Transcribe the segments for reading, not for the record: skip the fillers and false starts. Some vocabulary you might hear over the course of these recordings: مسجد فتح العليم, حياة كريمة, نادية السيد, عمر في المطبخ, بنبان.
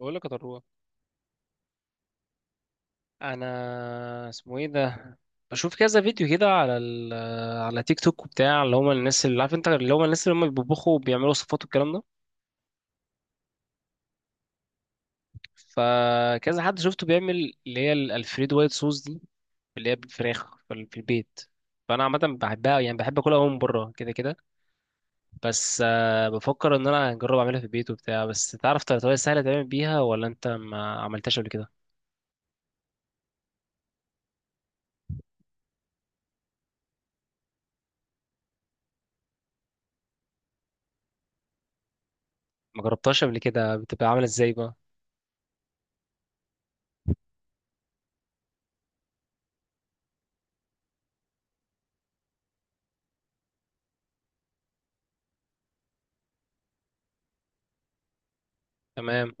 بقول لك يا طروه، انا اسمه ايه ده؟ بشوف كذا فيديو كده على على تيك توك وبتاع اللي هم الناس، اللي عارف انت اللي هم الناس اللي هم بيطبخوا وبيعملوا وصفات والكلام ده. فكذا حد شفته بيعمل اللي هي الالفريدو وايت صوص دي، اللي هي بالفراخ في البيت. فانا عامه بحبها، يعني بحب اكلها أوي من بره كده كده. بس بفكر ان انا اجرب اعملها في البيت وبتاع، بس تعرف طريقه سهله تعمل بيها ولا انت ما عملتهاش قبل كده؟ ما جربتهاش قبل كده؟ بتبقى عامله ازاي بقى؟ تمام.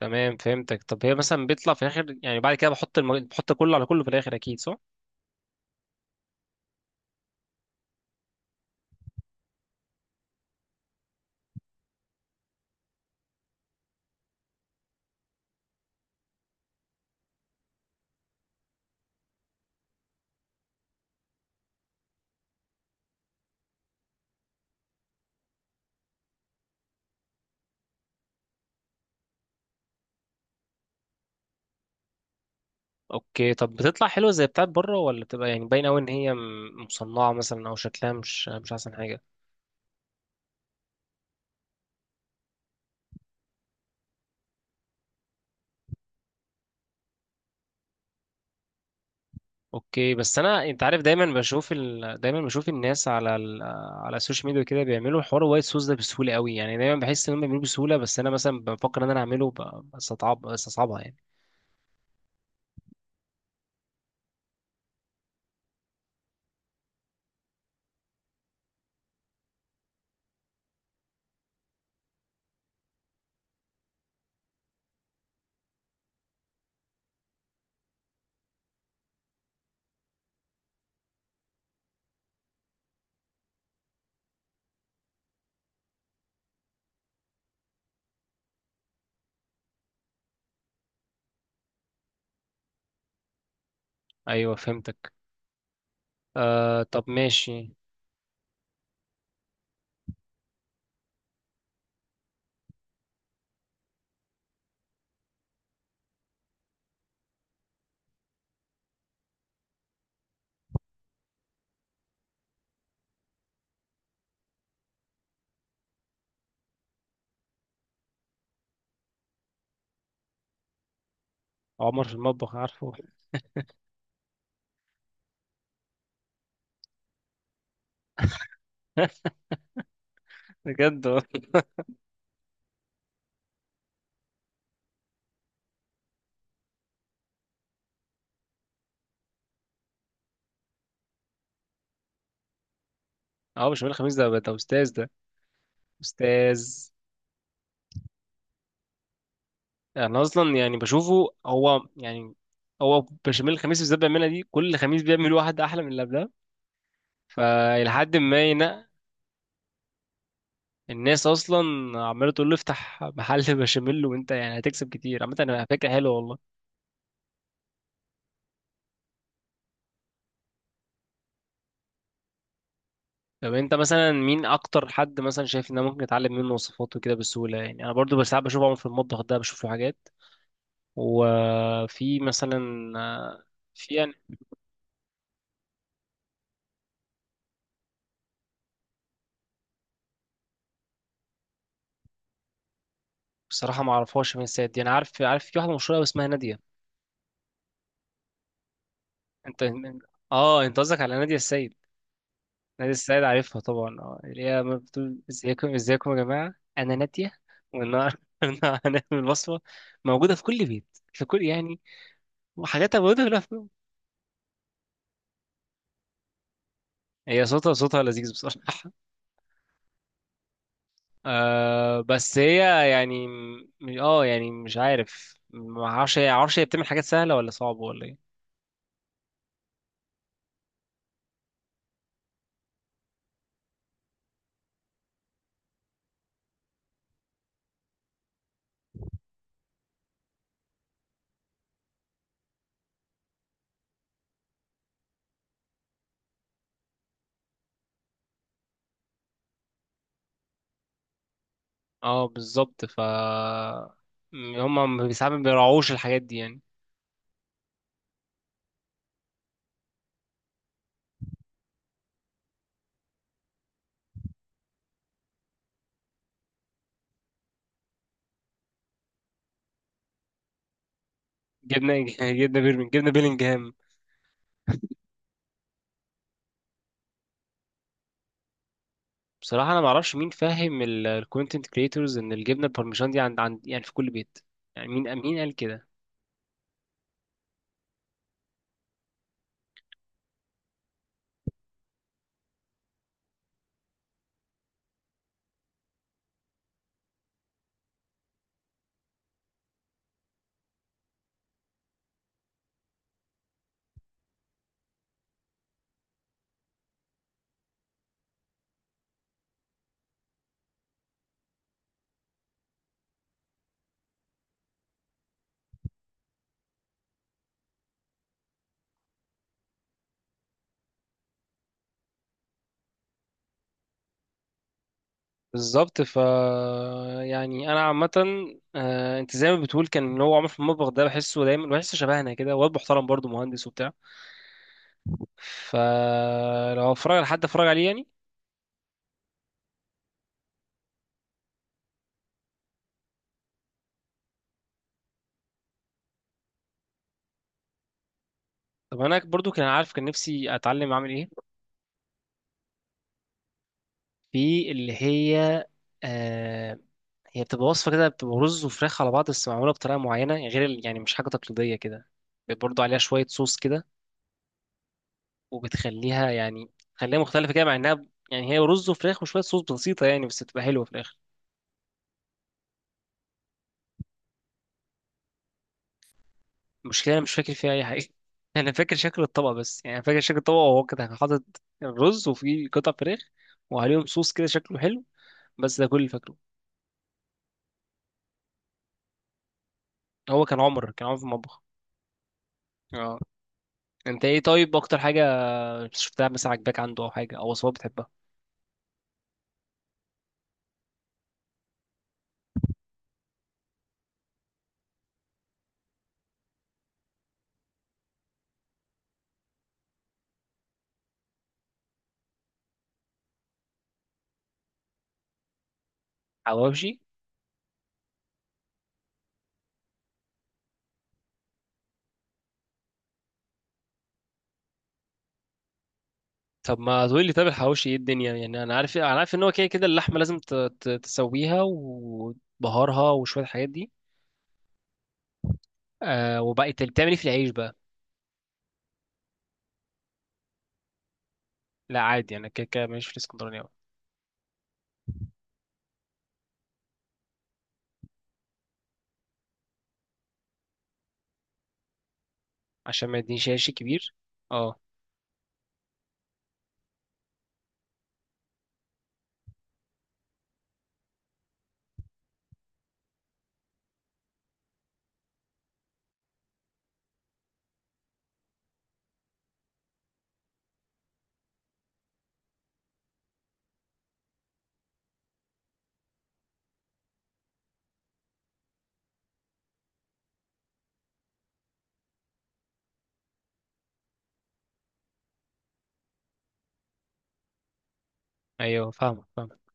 تمام فهمتك. طب هي مثلا بيطلع في الاخر يعني، بعد كده بحط بحط كله على كله في الاخر اكيد، صح؟ اوكي. طب بتطلع حلوه زي بتاعت بره، ولا بتبقى يعني باينه قوي ان هي مصنعه مثلا، او شكلها مش مش احسن حاجه؟ اوكي. بس انا، انت عارف، دايما بشوف دايما بشوف الناس على على السوشيال ميديا كده بيعملوا حوار وايت سوس ده بسهوله قوي، يعني دايما بحس ان هم بيعملوه بسهوله، بس انا مثلا بفكر ان انا اعمله بستصعب، بستصعبها يعني. ايوه، فهمتك. آه طب ماشي. عمر في المطبخ، عارفه. بجد. اه مش بقول، خميس ده ده استاذ ده. استاذ. انا اصلا يعني بشوفه هو يعني، هو بشاميل الخميس اللي بالذات بيعملها دي، كل خميس بيعمل واحد احلى من اللي قبلها، فلحد ما ينق. الناس اصلا عماله تقول له افتح محل بشاميل، وانت يعني هتكسب كتير. عامه انا فكره حلوه والله. طب انت مثلا مين اكتر حد مثلا شايف ان أنا ممكن اتعلم منه وصفات وكده بسهوله؟ يعني انا برضو بس ساعات بشوف عمر في المطبخ ده، بشوف له حاجات. وفي مثلا، في... بصراحة ما اعرفهاش مين السيد دي، انا عارف عارف في واحدة مشهورة أوي اسمها نادية. انت من... اه انت قصدك على نادية السيد. نادية السيد عارفها طبعا، اه اللي هي ما بتقول ازيكم ازيكم يا جماعة انا نادية، والنهار النهار هنعمل وصفة موجودة في كل بيت، في كل يعني، وحاجاتها موجودة كلها في اليوم. هي صوتها، صوتها لذيذ بصراحة. آه بس هي يعني، اه يعني مش عارف، ما اعرفش هي، معرفش هي بتعمل حاجات سهلة ولا صعبة ولا ايه. اه بالظبط. ف هم ما- ساعات ما بيراعوش الحاجات دي يعني. جبنا جبنا بيرمين، جبنا بيلينجهام. بصراحة أنا ما أعرفش مين فاهم الكونتنت كريتورز إن الجبنة البارميجان دي عند، يعني في كل بيت. يعني مين، قال كده؟ بالظبط. ف يعني أنا عامة، أنت زي ما بتقول، كان اللي هو عمر في المطبخ ده بحسه دايما، بحسه شبهنا كده، واد محترم برضه مهندس وبتاع، فلو أتفرج على حد أتفرج عليه يعني. طب أنا برضه كان، عارف كان نفسي أتعلم أعمل إيه، في اللي هي آه، هي بتبقى وصفة كده، بتبقى رز وفراخ على بعض بس معمولة بطريقة معينة، غير يعني مش حاجة تقليدية كده، برضو عليها شوية صوص كده، وبتخليها يعني تخليها مختلفة كده، مع إنها يعني هي رز وفراخ وشوية صوص بسيطة يعني، بس بتبقى حلوة في الآخر. المشكلة أنا مش فاكر فيها أي حاجة. أنا فاكر شكل الطبق بس، يعني فاكر شكل الطبق وهو كده كان حاطط الرز وفيه قطع فراخ وعليهم صوص كده شكله حلو، بس ده كل اللي فاكره. هو كان عمر، كان عمر في المطبخ. اه. انت ايه طيب اكتر حاجة مش شفتها مثلا عجباك عنده او حاجه، او وصفات بتحبها؟ حواوشي. طب ما تقول لي، طب الحواوشي ايه الدنيا يعني؟ انا عارف، انا عارف ان هو كده كده اللحمه لازم تسويها وبهارها وشويه الحاجات دي. آه، وبقى انت بتعمل ايه في العيش بقى؟ لا عادي، انا كده كده ماليش في الاسكندراني أوي. عشان ما يدينيش عيش كبير. اه. ايوه، فاهمك،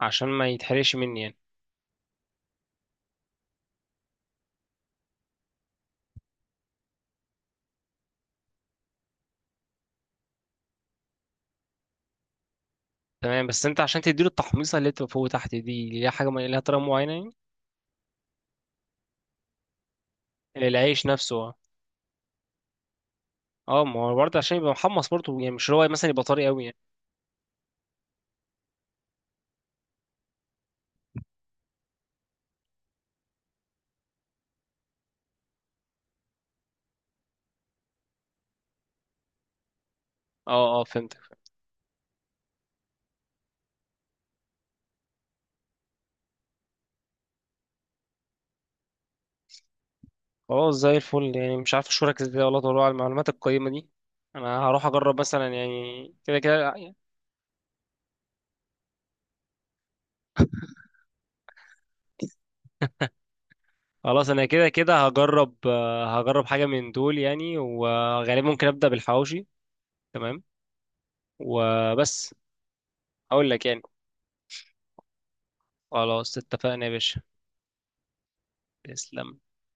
عشان ما يتحرقش مني يعني. تمام. بس انت عشان تديله التحميصه اللي بتبقى فوق وتحت دي ليها حاجه، ليها طريقه معينه؟ يعني العيش نفسه، اه. اه ما هو برضه عشان يبقى محمص برضه يعني، مش اللي هو مثلا يبقى طري قوي يعني. اه اه فهمت. خلاص زي الفل يعني. مش عارف اشكرك ازاي والله، طلوع على المعلومات القيمة دي. انا هروح اجرب مثلا يعني كده كده. خلاص انا كده كده هجرب، هجرب حاجة من دول يعني، وغالبا ممكن ابدأ بالحواوشي. تمام. وبس. هقول لك يعني. خلاص اتفقنا يا باشا. تسلم.